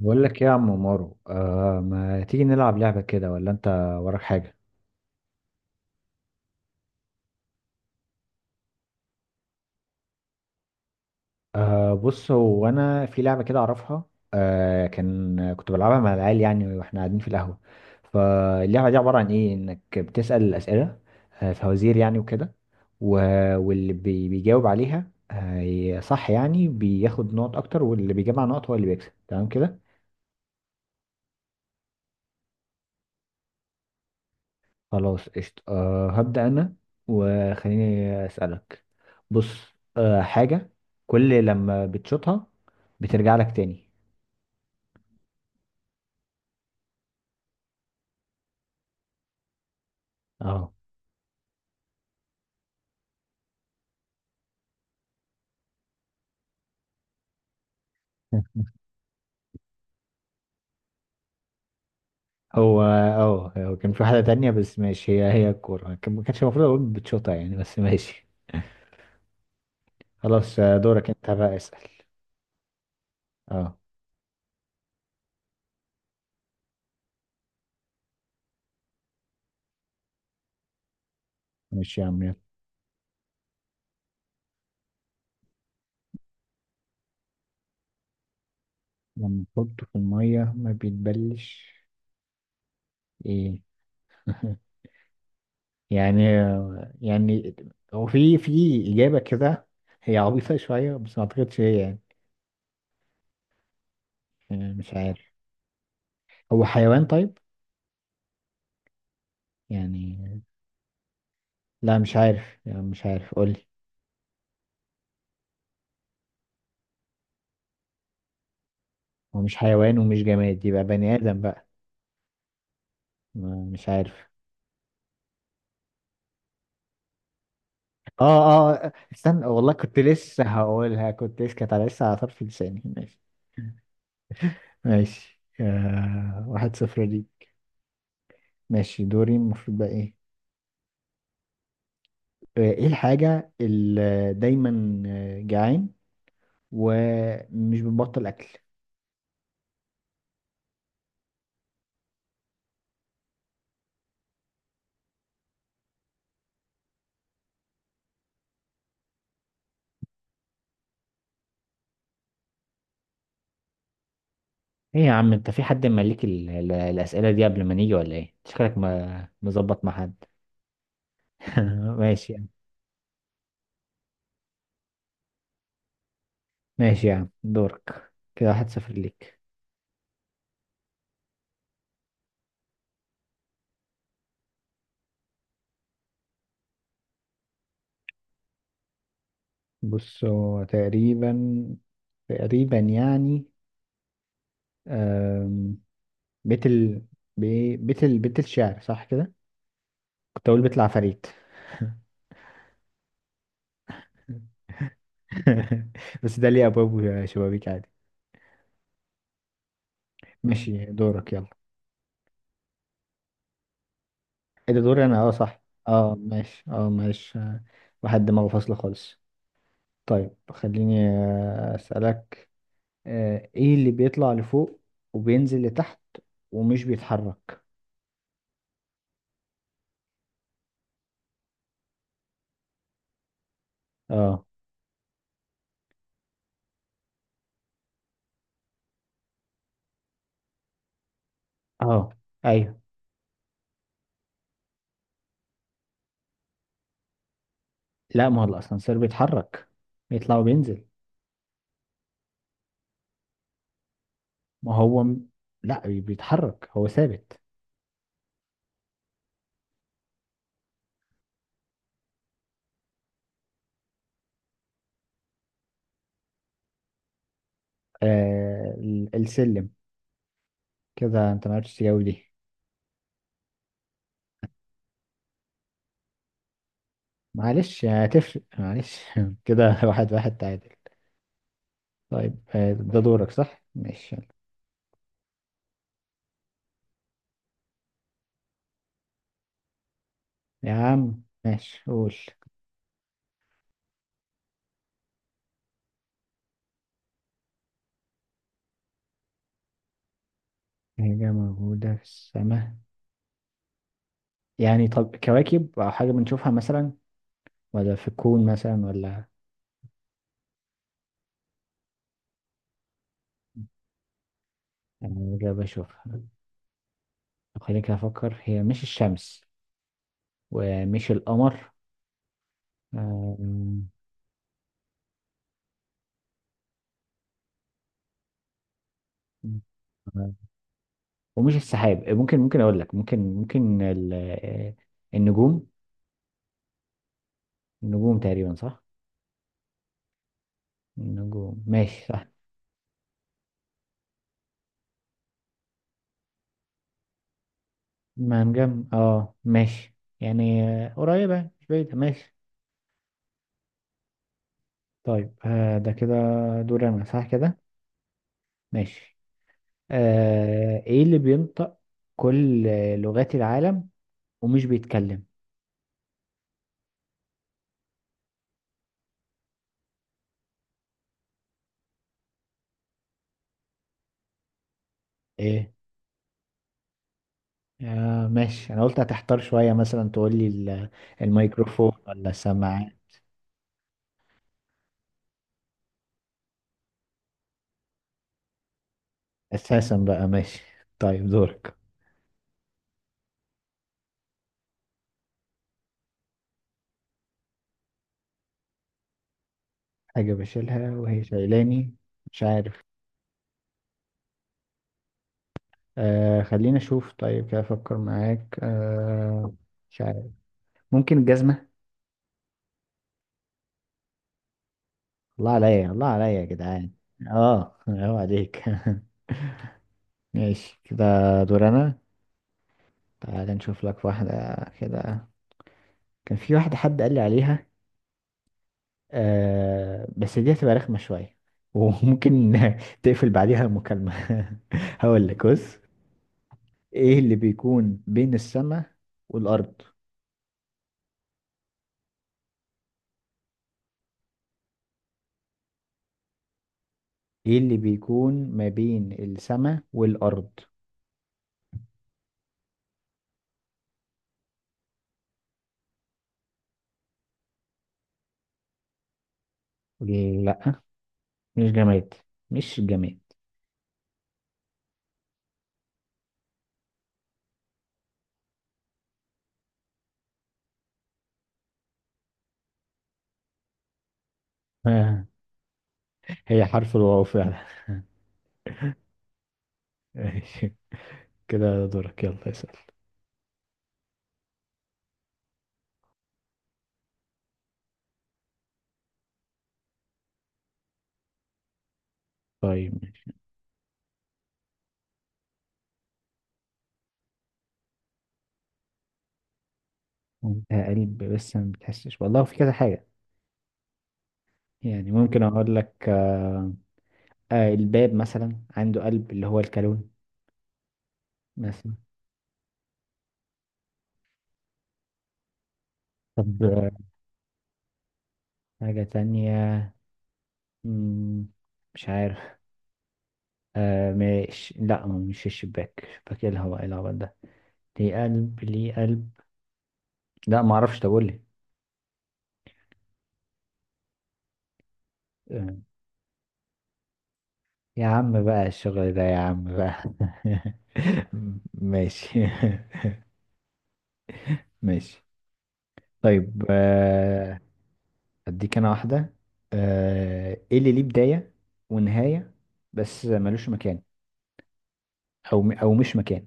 بقول لك إيه يا عم مارو؟ آه، ما تيجي نلعب لعبة كده ولا انت وراك حاجة؟ آه بص، هو انا في لعبة كده اعرفها. آه كان كنت بلعبها مع العيال يعني واحنا قاعدين في القهوة. فاللعبة دي عبارة عن ايه؟ انك بتسأل الأسئلة، آه فوازير يعني وكده. واللي بيجاوب عليها آه صح يعني بياخد نقط اكتر، واللي بيجمع نقط هو اللي بيكسب، تمام كده. خلاص قشطة، أه هبدأ أنا وخليني أسألك. بص، أه حاجة كل لما بتشوطها بترجع لك تاني. اه هو اه هو كان في واحدة تانية بس ماشي، هي هي الكورة، ما كانش المفروض أقول بتشوطها يعني بس ماشي. خلاص آه، دورك أنت بقى اسأل. اه ماشي يا عم يلا. لما تحطه في المية ما بيتبلش. ايه يعني، يعني هو في إجابة كده، هي عبيطة شوية بس ما أعتقدش هي يعني، آه، مش عارف. هو حيوان طيب يعني؟ لا مش عارف يعني، مش عارف قولي. هو مش حيوان ومش جماد يبقى بني آدم بقى؟ مش عارف. اه اه آه، استنى والله كنت لسه هقولها، كنت لسه كانت على لسه على طرف لساني، ماشي. ماشي آه، واحد صفر دي. ماشي دوري المفروض بقى ايه؟ آه، ايه الحاجة اللي دايما آه، جعان ومش بتبطل اكل؟ ايه يا عم انت في حد مالك الاسئلة دي قبل ما نيجي، ولا ايه شكلك ما مظبط مع حد؟ ماشي يعني. ماشي يعني، دورك كده واحد صفر ليك. بص، هو تقريبا، تقريبا يعني، أم، بيت ال بي- بيت ال بيت الشعر صح كده؟ كنت اقول بيت العفاريت. بس ده ليه ابواب وشبابيك عادي. ماشي دورك يلا. ايه ده دوري انا؟ اه صح. اه ماشي، اه ماشي آه، واحد دماغه فاصلة خالص. طيب خليني آه، اسالك. آه، ايه اللي بيطلع لفوق وبينزل لتحت ومش بيتحرك؟ اه اه. ايوه. لا ما هو الاسانسير بيتحرك، بيطلع وبينزل. ما هو م... لا بيتحرك، هو ثابت. آه السلم. كده انت ما عرفتش تجاوب دي. معلش هتفرق معلش. كده واحد واحد تعادل. طيب آه ده دورك صح ماشي يلا. يا عم ماشي قول. حاجة موجودة في السماء؟ يعني طب كواكب أو حاجة بنشوفها مثلا، ولا في الكون مثلا ولا؟ يعني إجابة أشوفها. خليك أفكر، هي مش الشمس ومش القمر، آم، ومش السحاب. ممكن ممكن أقول لك، ممكن ممكن النجوم؟ النجوم تقريبا صح؟ النجوم ماشي صح. ما نجم اه ماشي يعني، آه، قريبة مش بعيدة ماشي. طيب آه، ده كده دور أنا صح كده؟ ماشي. آه، إيه اللي بينطق كل لغات العالم ومش بيتكلم؟ ايه. آه ماشي، انا قلت هتحتار شوية مثلا تقول لي الميكروفون ولا السماعة. اساسا بقى ماشي. طيب دورك. حاجة بشيلها وهي شايلاني؟ مش عارف. آه خلينا اشوف، طيب كده افكر معاك آه، مش عارف. ممكن الجزمة. الله عليا، الله عليا يا جدعان. اه هو عليك. ماشي كده، دور انا. تعال نشوف لك واحدة كده. كان في واحدة حد قال لي عليها، آه بس دي هتبقى رخمة شوية وممكن تقفل بعديها المكالمة. هقول لك بص. ايه اللي بيكون بين السماء والأرض؟ ايه اللي بيكون ما بين السماء والأرض؟ لا مش جماد، مش جماد. آه، هي حرف الواو فعلا. ماشي. كده دورك يلا اسأل. طيب ماشي. آه، قلب بس ما بتحسش، والله في كذا حاجة. يعني ممكن أقول لك آه، آه الباب مثلا عنده قلب اللي هو الكالون مثلا. طب آه، حاجة تانية. مم، مش عارف. آه مش، لا مش الشباك، شباك ايه، الهواء، ايه الهواء ده ليه قلب، ليه قلب؟ لا ما اعرفش تقول لي. آه، يا عم بقى الشغل ده، يا عم بقى. ماشي. ماشي. طيب آه اديك انا واحدة. آه ايه اللي ليه بداية ونهاية بس ملوش مكان، او او مش مكان؟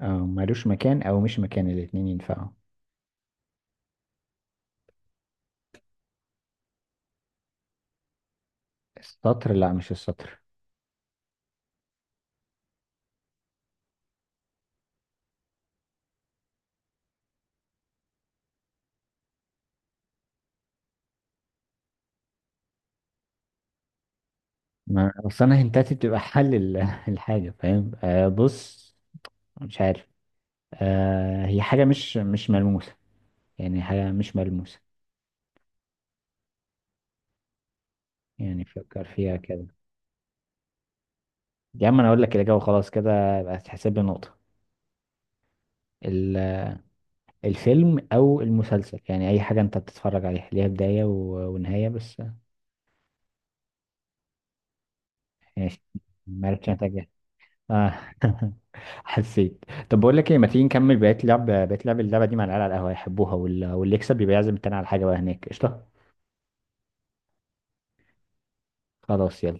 او ملوش مكان او مش مكان الاتنين ينفعوا. السطر؟ لا مش السطر. ما اصل انا هنتاتي بتبقى حل الحاجه فاهم. آه بص، مش عارف. آه هي حاجه مش ملموسه، يعني حاجه مش ملموسه، يعني فكر فيها كده. يا عم انا اقول لك الاجابه خلاص، كده يبقى تحسب لي نقطه. ال- الفيلم او المسلسل يعني اي حاجه انت بتتفرج عليها ليها بدايه ونهايه بس. ماشي، ما عرفتش اتجاهل. اه حسيت. طب بقول لك ايه، ما تيجي نكمل بقيه لعب اللعبه دي مع العيال على القهوه، يحبوها، واللي يكسب يبقى يعزم التاني على حاجه بقى هناك، قشطه؟ خلاص يلا.